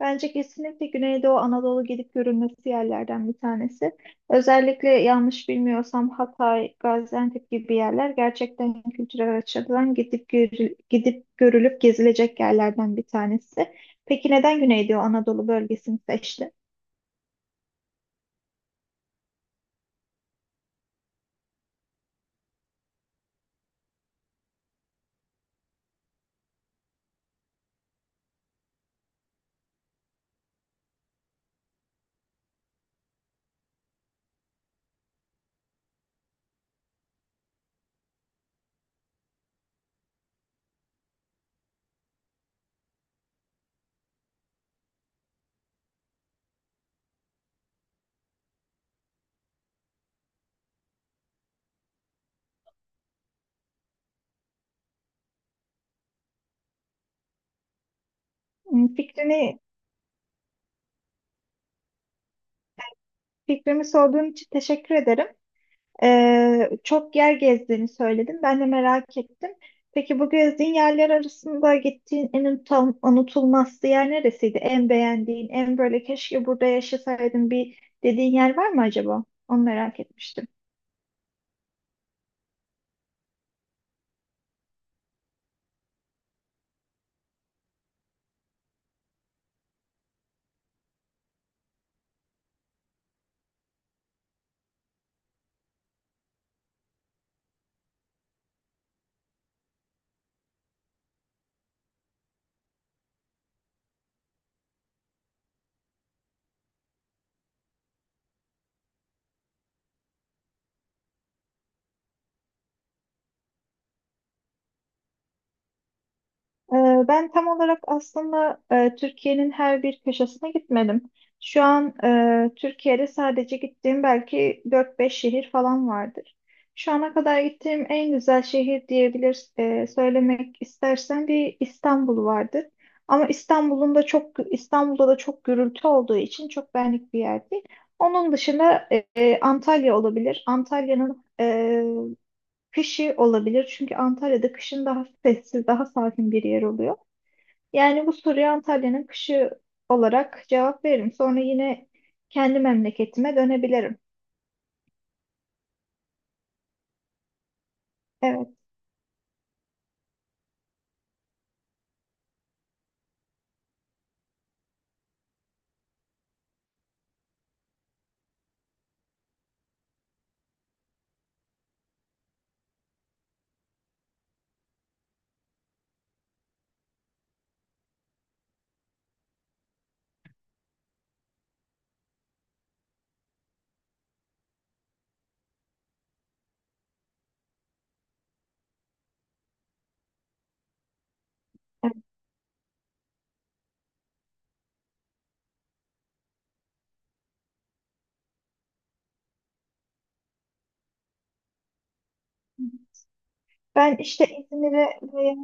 Bence kesinlikle Güneydoğu Anadolu gidip görülmesi yerlerden bir tanesi. Özellikle yanlış bilmiyorsam Hatay, Gaziantep gibi yerler gerçekten kültürel açıdan gidip görülüp gezilecek yerlerden bir tanesi. Peki neden Güneydoğu Anadolu bölgesini seçtin? Hmm, fikrimi sorduğun için teşekkür ederim. Çok yer gezdiğini söyledin. Ben de merak ettim. Peki bu gezdiğin yerler arasında gittiğin en unutulmaz yer neresiydi? En beğendiğin, en böyle keşke burada yaşasaydım bir dediğin yer var mı acaba? Onu merak etmiştim. Ben tam olarak aslında Türkiye'nin her bir köşesine gitmedim. Şu an Türkiye'de sadece gittiğim belki dört beş şehir falan vardır. Şu ana kadar gittiğim en güzel şehir diyebilir söylemek istersen bir İstanbul vardır. Ama İstanbul'da da çok gürültü olduğu için çok benlik bir yer değil. Onun dışında Antalya olabilir. Antalya'nın kışı olabilir. Çünkü Antalya'da kışın daha sessiz, daha sakin bir yer oluyor. Yani bu soruya Antalya'nın kışı olarak cevap veririm. Sonra yine kendi memleketime dönebilirim. Evet. Evet. Ben işte İzmir'e veya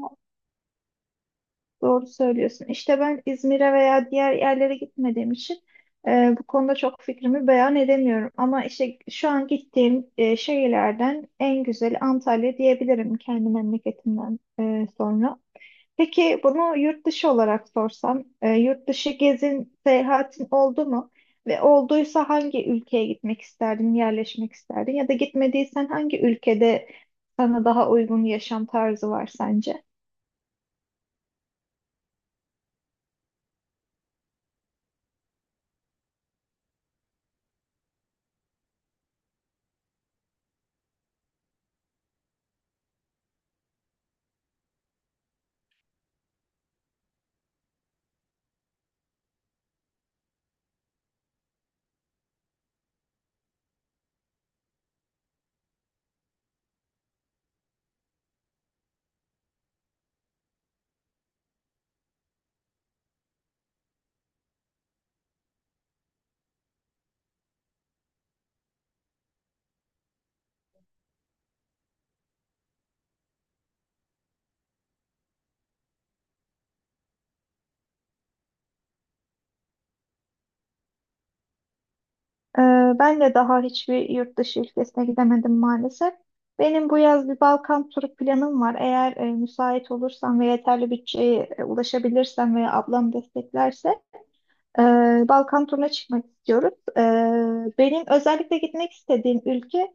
doğru söylüyorsun. İşte ben İzmir'e veya diğer yerlere gitmediğim için bu konuda çok fikrimi beyan edemiyorum. Ama işte şu an gittiğim şehirlerden en güzeli Antalya diyebilirim kendi memleketimden sonra. Peki bunu yurt dışı olarak sorsam, yurt dışı gezin, seyahatin oldu mu? Ve olduysa hangi ülkeye gitmek isterdin, yerleşmek isterdin? Ya da gitmediysen hangi ülkede sana daha uygun yaşam tarzı var sence? Ee, Ben de daha hiçbir yurt dışı ülkesine gidemedim maalesef. Benim bu yaz bir Balkan turu planım var. Eğer müsait olursam ve yeterli bütçeye ulaşabilirsem veya ablam desteklerse Balkan turuna çıkmak istiyoruz. Benim özellikle gitmek istediğim ülke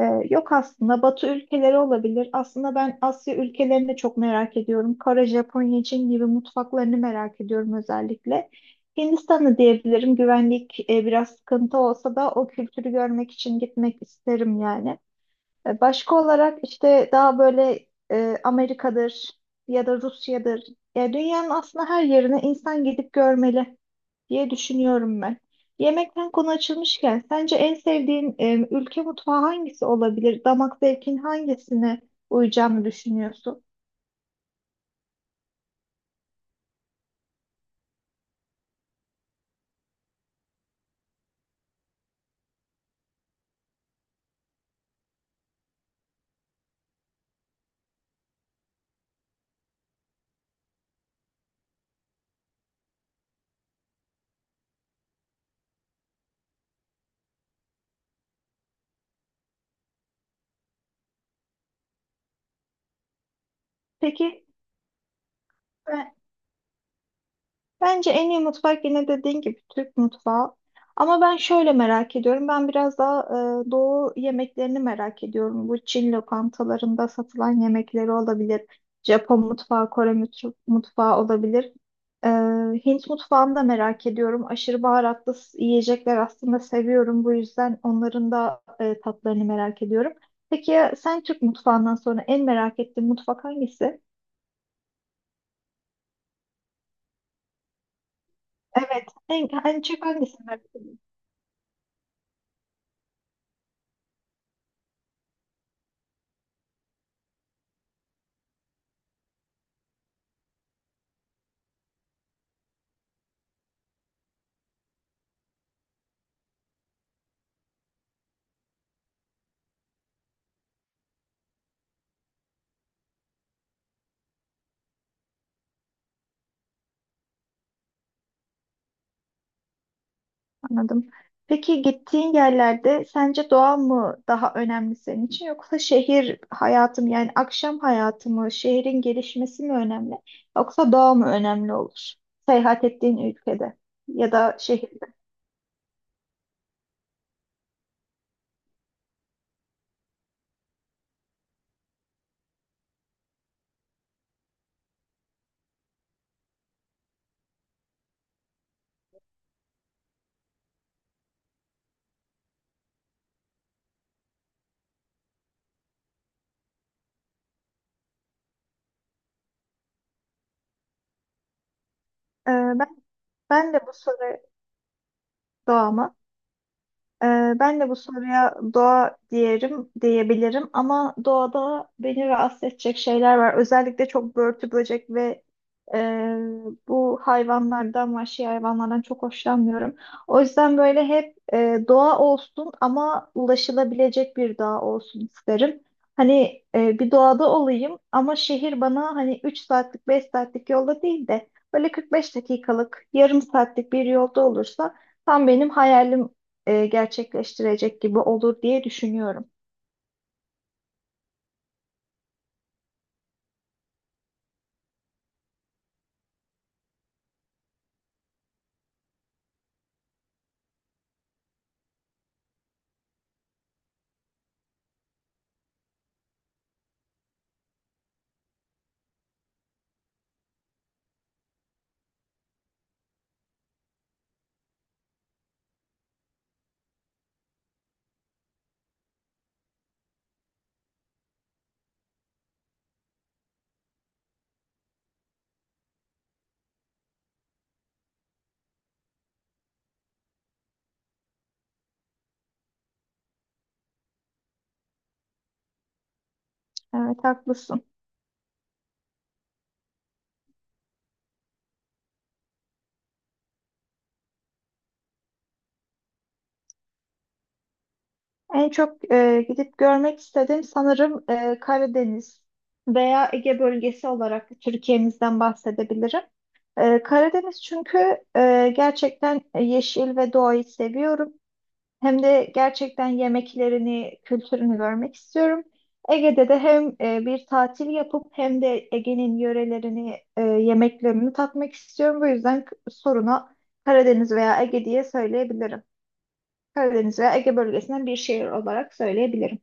e, yok aslında. Batı ülkeleri olabilir. Aslında ben Asya ülkelerini de çok merak ediyorum. Kore, Japonya, Çin gibi mutfaklarını merak ediyorum özellikle. Hindistan'ı diyebilirim. Güvenlik biraz sıkıntı olsa da o kültürü görmek için gitmek isterim yani. Başka olarak işte daha böyle Amerika'dır ya da Rusya'dır. Ya dünyanın aslında her yerine insan gidip görmeli diye düşünüyorum ben. Yemekten konu açılmışken sence en sevdiğin ülke mutfağı hangisi olabilir? Damak zevkin hangisine uyacağını düşünüyorsun? Peki e, Bence en iyi mutfak yine dediğin gibi Türk mutfağı. Ama ben şöyle merak ediyorum. Ben biraz daha doğu yemeklerini merak ediyorum. Bu Çin lokantalarında satılan yemekleri olabilir. Japon mutfağı, mutfağı olabilir. E, Hint mutfağını da merak ediyorum. Aşırı baharatlı yiyecekler aslında seviyorum. Bu yüzden onların da tatlarını merak ediyorum. Peki ya sen Türk mutfağından sonra en merak ettiğin mutfak hangisi? Evet, en çok hangisini merak ediyorsun? Anladım. Peki gittiğin yerlerde sence doğa mı daha önemli senin için yoksa şehir hayatı mı, yani akşam hayatı mı, şehrin gelişmesi mi önemli yoksa doğa mı önemli olur seyahat ettiğin ülkede ya da şehirde? Ee, ben, ben de bu soru doğama ben de bu soruya doğa diyelim, diyebilirim ama doğada beni rahatsız edecek şeyler var. Özellikle çok börtü böcek ve e, bu hayvanlardan, vahşi hayvanlardan çok hoşlanmıyorum. O yüzden böyle hep doğa olsun ama ulaşılabilecek bir doğa olsun isterim. Hani bir doğada olayım ama şehir bana hani 3 saatlik, 5 saatlik yolda değil de böyle 45 dakikalık, yarım saatlik bir yolda olursa tam benim hayalim gerçekleştirecek gibi olur diye düşünüyorum. Evet haklısın. En çok gidip görmek istediğim sanırım Karadeniz veya Ege bölgesi olarak Türkiye'mizden bahsedebilirim. Karadeniz çünkü gerçekten yeşil ve doğayı seviyorum. Hem de gerçekten yemeklerini, kültürünü görmek istiyorum. Ege'de de hem bir tatil yapıp hem de Ege'nin yörelerini, yemeklerini tatmak istiyorum. Bu yüzden soruna Karadeniz veya Ege diye söyleyebilirim. Karadeniz veya Ege bölgesinden bir şehir olarak söyleyebilirim.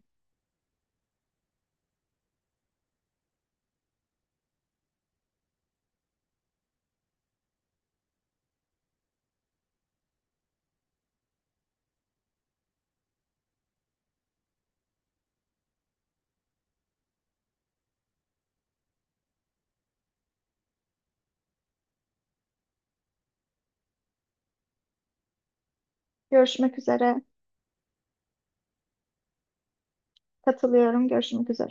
Görüşmek üzere. Katılıyorum. Görüşmek üzere.